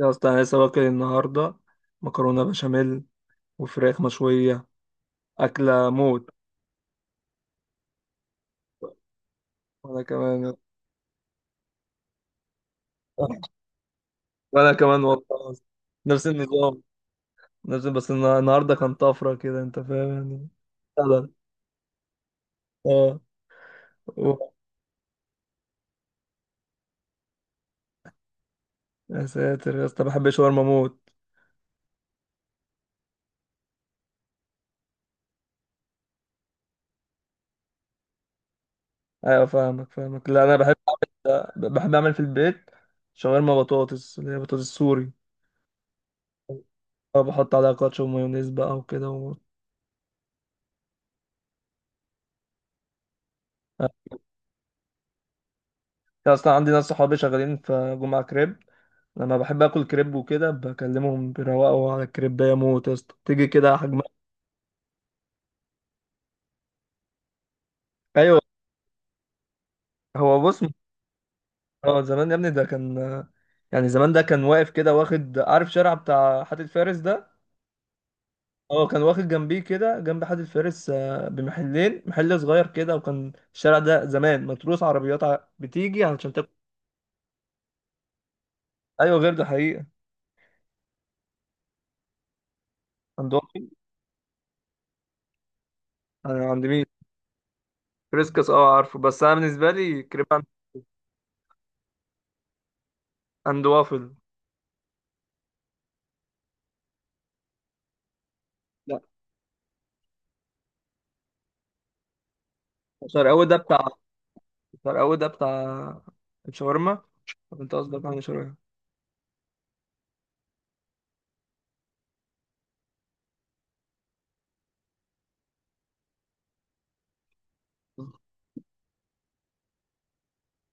يا اسطى انا لسه واكل النهارده مكرونه بشاميل وفراخ مشويه اكله موت. وانا كمان. وانا كمان والله، نفس النظام. نفس بس النهارده كان طفره كده، انت فاهم يعني. فعلا. اه و- يا ساتر يا اسطى، بحب الشاورما موت. ايوه فاهمك، لا انا بحب اعمل، بحب اعمل في البيت شاورما بطاطس، اللي هي بطاطس سوري. اه، بحط عليها كاتشب ومايونيز بقى وكده اه. اصلا عندي ناس صحابي شغالين في جمعة كريب، لما بحب اكل كريب وكده بكلمهم بيروقوا على الكريب يا موت يا اسطى تيجي كده حجمها. ايوه. هو بص، اه زمان يا ابني ده كان، يعني زمان ده كان واقف كده، واخد عارف شارع بتاع حاتي الفارس ده. اه، كان واخد جنبيه كده جنب حاتي الفارس بمحلين، محل صغير كده، وكان الشارع ده زمان متروس عربيات بتيجي علشان تاكل. ايوه غير ده حقيقه. عند وافل. انا عند مين؟ فريسكس اه عارفه، بس انا بالنسبه لي كريب عند عند وافل. لا. شارع اول ده بتاع، فرقة ده بتاع الشاورما. طب انت قصدك عن الشاورما؟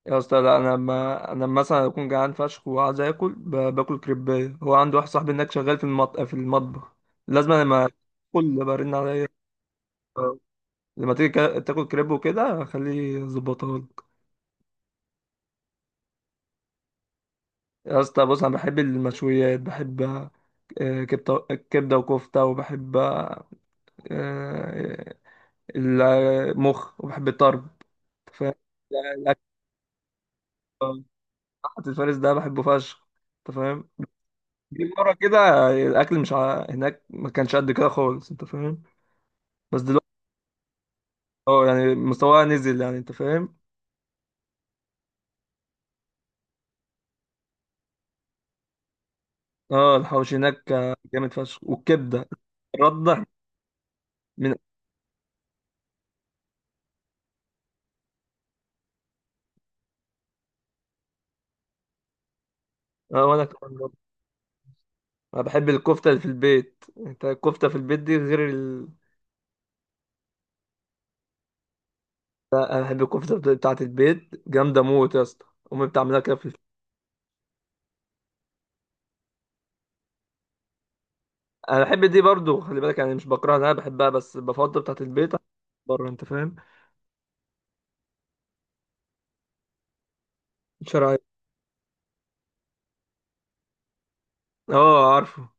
يا اسطى لا، انا لما مثلا اكون جعان فشخ وعايز اكل باكل كريبايه هو عنده واحد صاحبي هناك شغال في المطبخ، لازم لما كل برن عليا. آه، لما تيجي تاكل كريب وكده خليه يظبطها لك. يا اسطى بص، انا بحب المشويات، بحب كبده، وكفته، وبحب آه، المخ، وبحب الطرب، أنت فاهم الاكل. حتى الفارس ده بحبه فشخ، انت فاهم. جيب مرة كده، الأكل مش ع... هناك ما كانش قد كده خالص، أنت فاهم. بس دلوقتي أه يعني مستواها نزل يعني، أنت فاهم. أه الحواوشي هناك جامد فشخ، والكبدة الردة من أه. وأنا كمان برضه. أنا بحب الكفتة اللي في البيت، أنت الكفتة في البيت دي غير لا، أنا بحب الكفتة بتاعة البيت جامدة موت يا اسطى، أمي بتعملها كده في البيت. أنا بحب دي برضو، خلي بالك يعني، مش بكرهها، أنا بحبها بس بفضل بتاعة البيت عن بره، أنت فاهم. الشرعية. أه عارفه.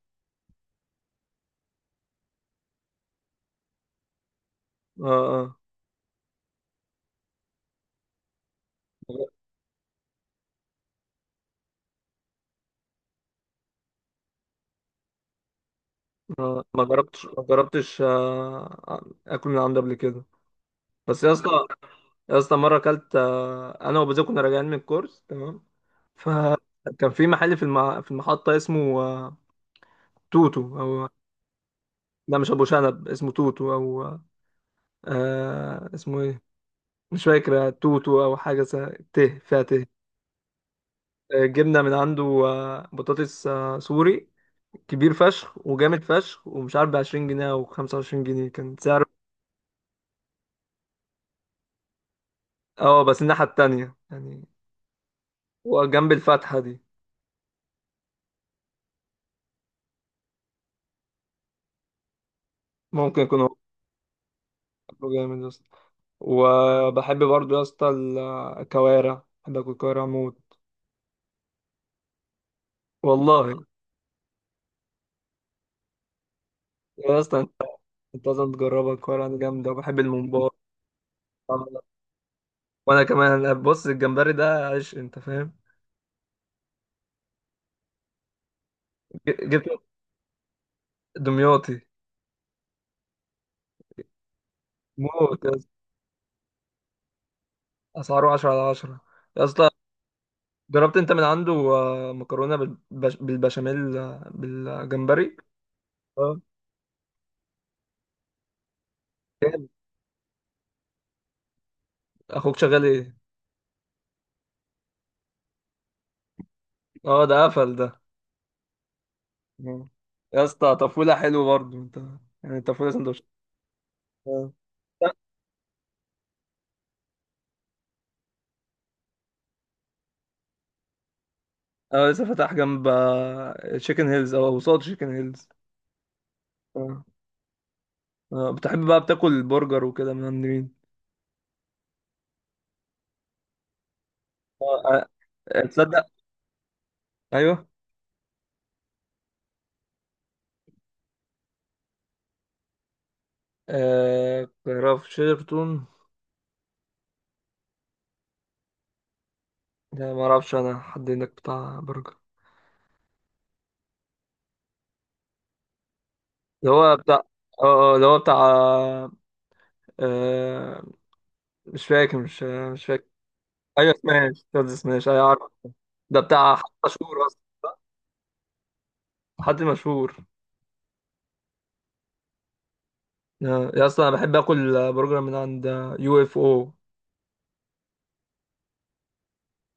أه. أه. ما جربتش اكل من عنده قبل كده. بس يا اسطى، يا اسطى مره اكلت، انا وبزوك كنا راجعين من الكورس تمام، فكان في محل في المحطه اسمه توتو او. لا مش ابو شنب، اسمه توتو او. اسمه ايه؟ مش فاكر، توتو او حاجه ت فيها ت. جبنا من عنده بطاطس سوري، كبير فشخ وجامد فشخ، ومش عارف ب 20 جنيه او 25 جنيه كان سعر. اه بس الناحيه التانيه يعني، وجنب الفتحة دي. ممكن يكون هو. بياكله جامد يا اسطى. وبحب برضو يا اسطى الكوارع، بحب اكل كوارع موت. والله يا اسطى انت، أنت لازم تجربها الكوارع دي جامدة، وبحب الممبار. وانا كمان. بص الجمبري ده عيش، انت فاهم. جبت دمياطي موت يا اسطى، اسعاره 10 على 10 يا اسطى. جربت انت من عنده مكرونة بالبشاميل بالجمبري؟ اه جامد. اخوك شغال ايه؟ اه ده قفل ده. مم. يا اسطى طفولة حلو برضه انت، يعني طفولة سندوتش. اه. اه لسه فاتح جنب تشيكن هيلز، او قصاد تشيكن هيلز. اه. اه بتحب بقى بتاكل برجر وكده من عند مين؟ اه. اه، تصدق. ايوه. اه كرافت شيرتون. لا ما اعرفش انا حد هناك بتاع برجر. اللي هو بتاع اه. اه، اللي هو بتاع اه. مش فاكر، مش فاكر. ايوه سماش، قصدي سماش ايوه عارف. ده بتاع حد مشهور اصلا؟ حد مشهور. يا اصلا انا بحب اكل برجر من عند يو اف او.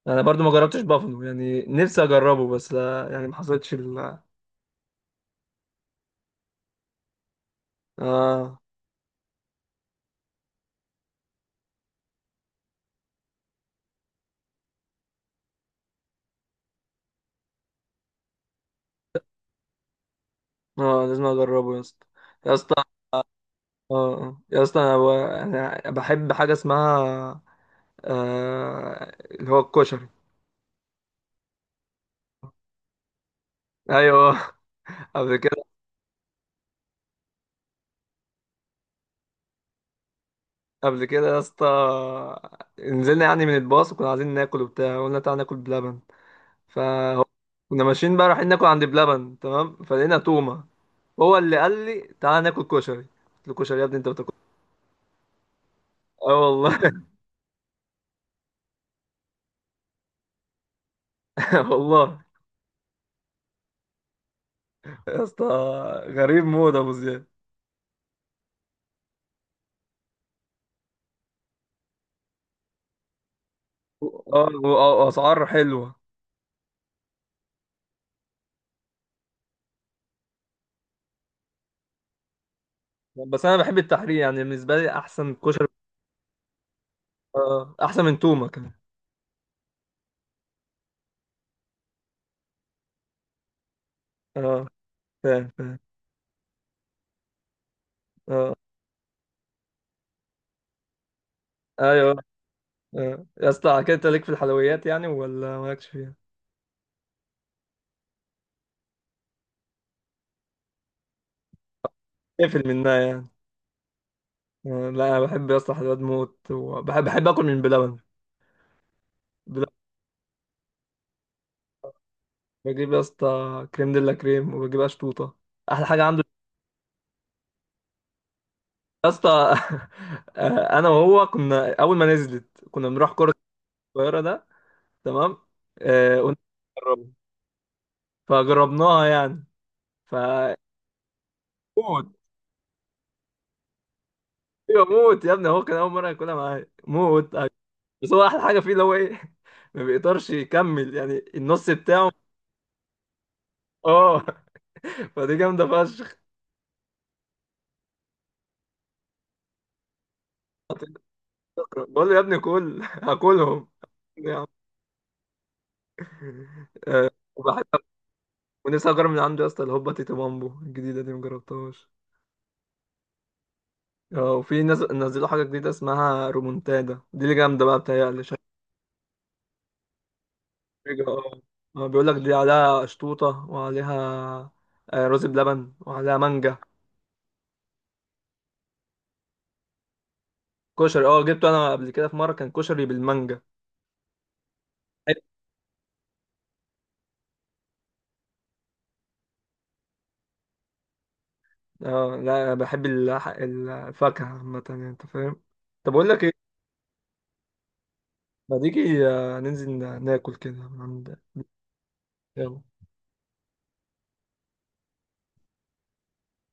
انا برضو ما جربتش بافلو، يعني نفسي اجربه بس يعني ما حصلتش ال. اه. اه لازم اجربه يا اسطى، يا اسطى. اه آه. يا اسطى أنا بحب حاجه اسمها اللي هو الكشري. ايوه. قبل كده. قبل كده يا اسطى نزلنا يعني من الباص وكنا عايزين ناكل وبتاع، قلنا تعالى ناكل بلبن. فهو، كنا ماشيين بقى رايحين ناكل عند بلبن، تمام، فلقينا تومه. هو اللي قال لي تعالى ناكل كشري، قلت له كشري يا ابني انت بتاكل. اه والله. والله يا اسطى، غريب موت ابو زياد. اه. واسعار حلوه. بس انا بحب التحرير يعني، بالنسبه لي احسن كشري. احسن من تومه كمان. اه. فاهم اه. ايوه. آه. يا اسطى على كده انت ليك في الحلويات يعني ولا مالكش فيها؟ اقفل منها يعني. آه. لا انا بحب يا اسطى حلويات موت، وبحب، اكل من بلبن. بلبن. بجيب يا اسطى كريم ديلا كريم، وبجيب اشطوطه، احلى حاجه. يا اسطى انا وهو كنا اول ما نزلت كنا بنروح كرة القاهرة ده، تمام. قلنا نجربها. فجربناها يعني، ف موت. ايوه موت يا ابني، هو كان اول مرة ياكلها معايا موت. بس هو احلى حاجة فيه اللي هو ايه ما بيقدرش يكمل يعني النص بتاعه. اه، فدي جامدة فشخ. بقول له يا ابني كل هاكلهم يعني. وبحب، ونفسي اجرب من عنده يا اسطى الهوبا تيتو مامبو الجديدة دي، مجربتهاش. اه، وفي ناس نزلوا حاجة جديدة اسمها رومونتادا، دي اللي جامدة بقى بتهيألي شكلها. اه. اه، بيقولك دي عليها شطوطة، وعليها رز بلبن، وعليها مانجا. كشري اه، جبته انا قبل كده في مرة كان كشري بالمانجا. اه لا بحب الفاكهة عامة يعني، انت فاهم. طب اقول لك ايه، ما تيجي ننزل ناكل كده من عند. يلا.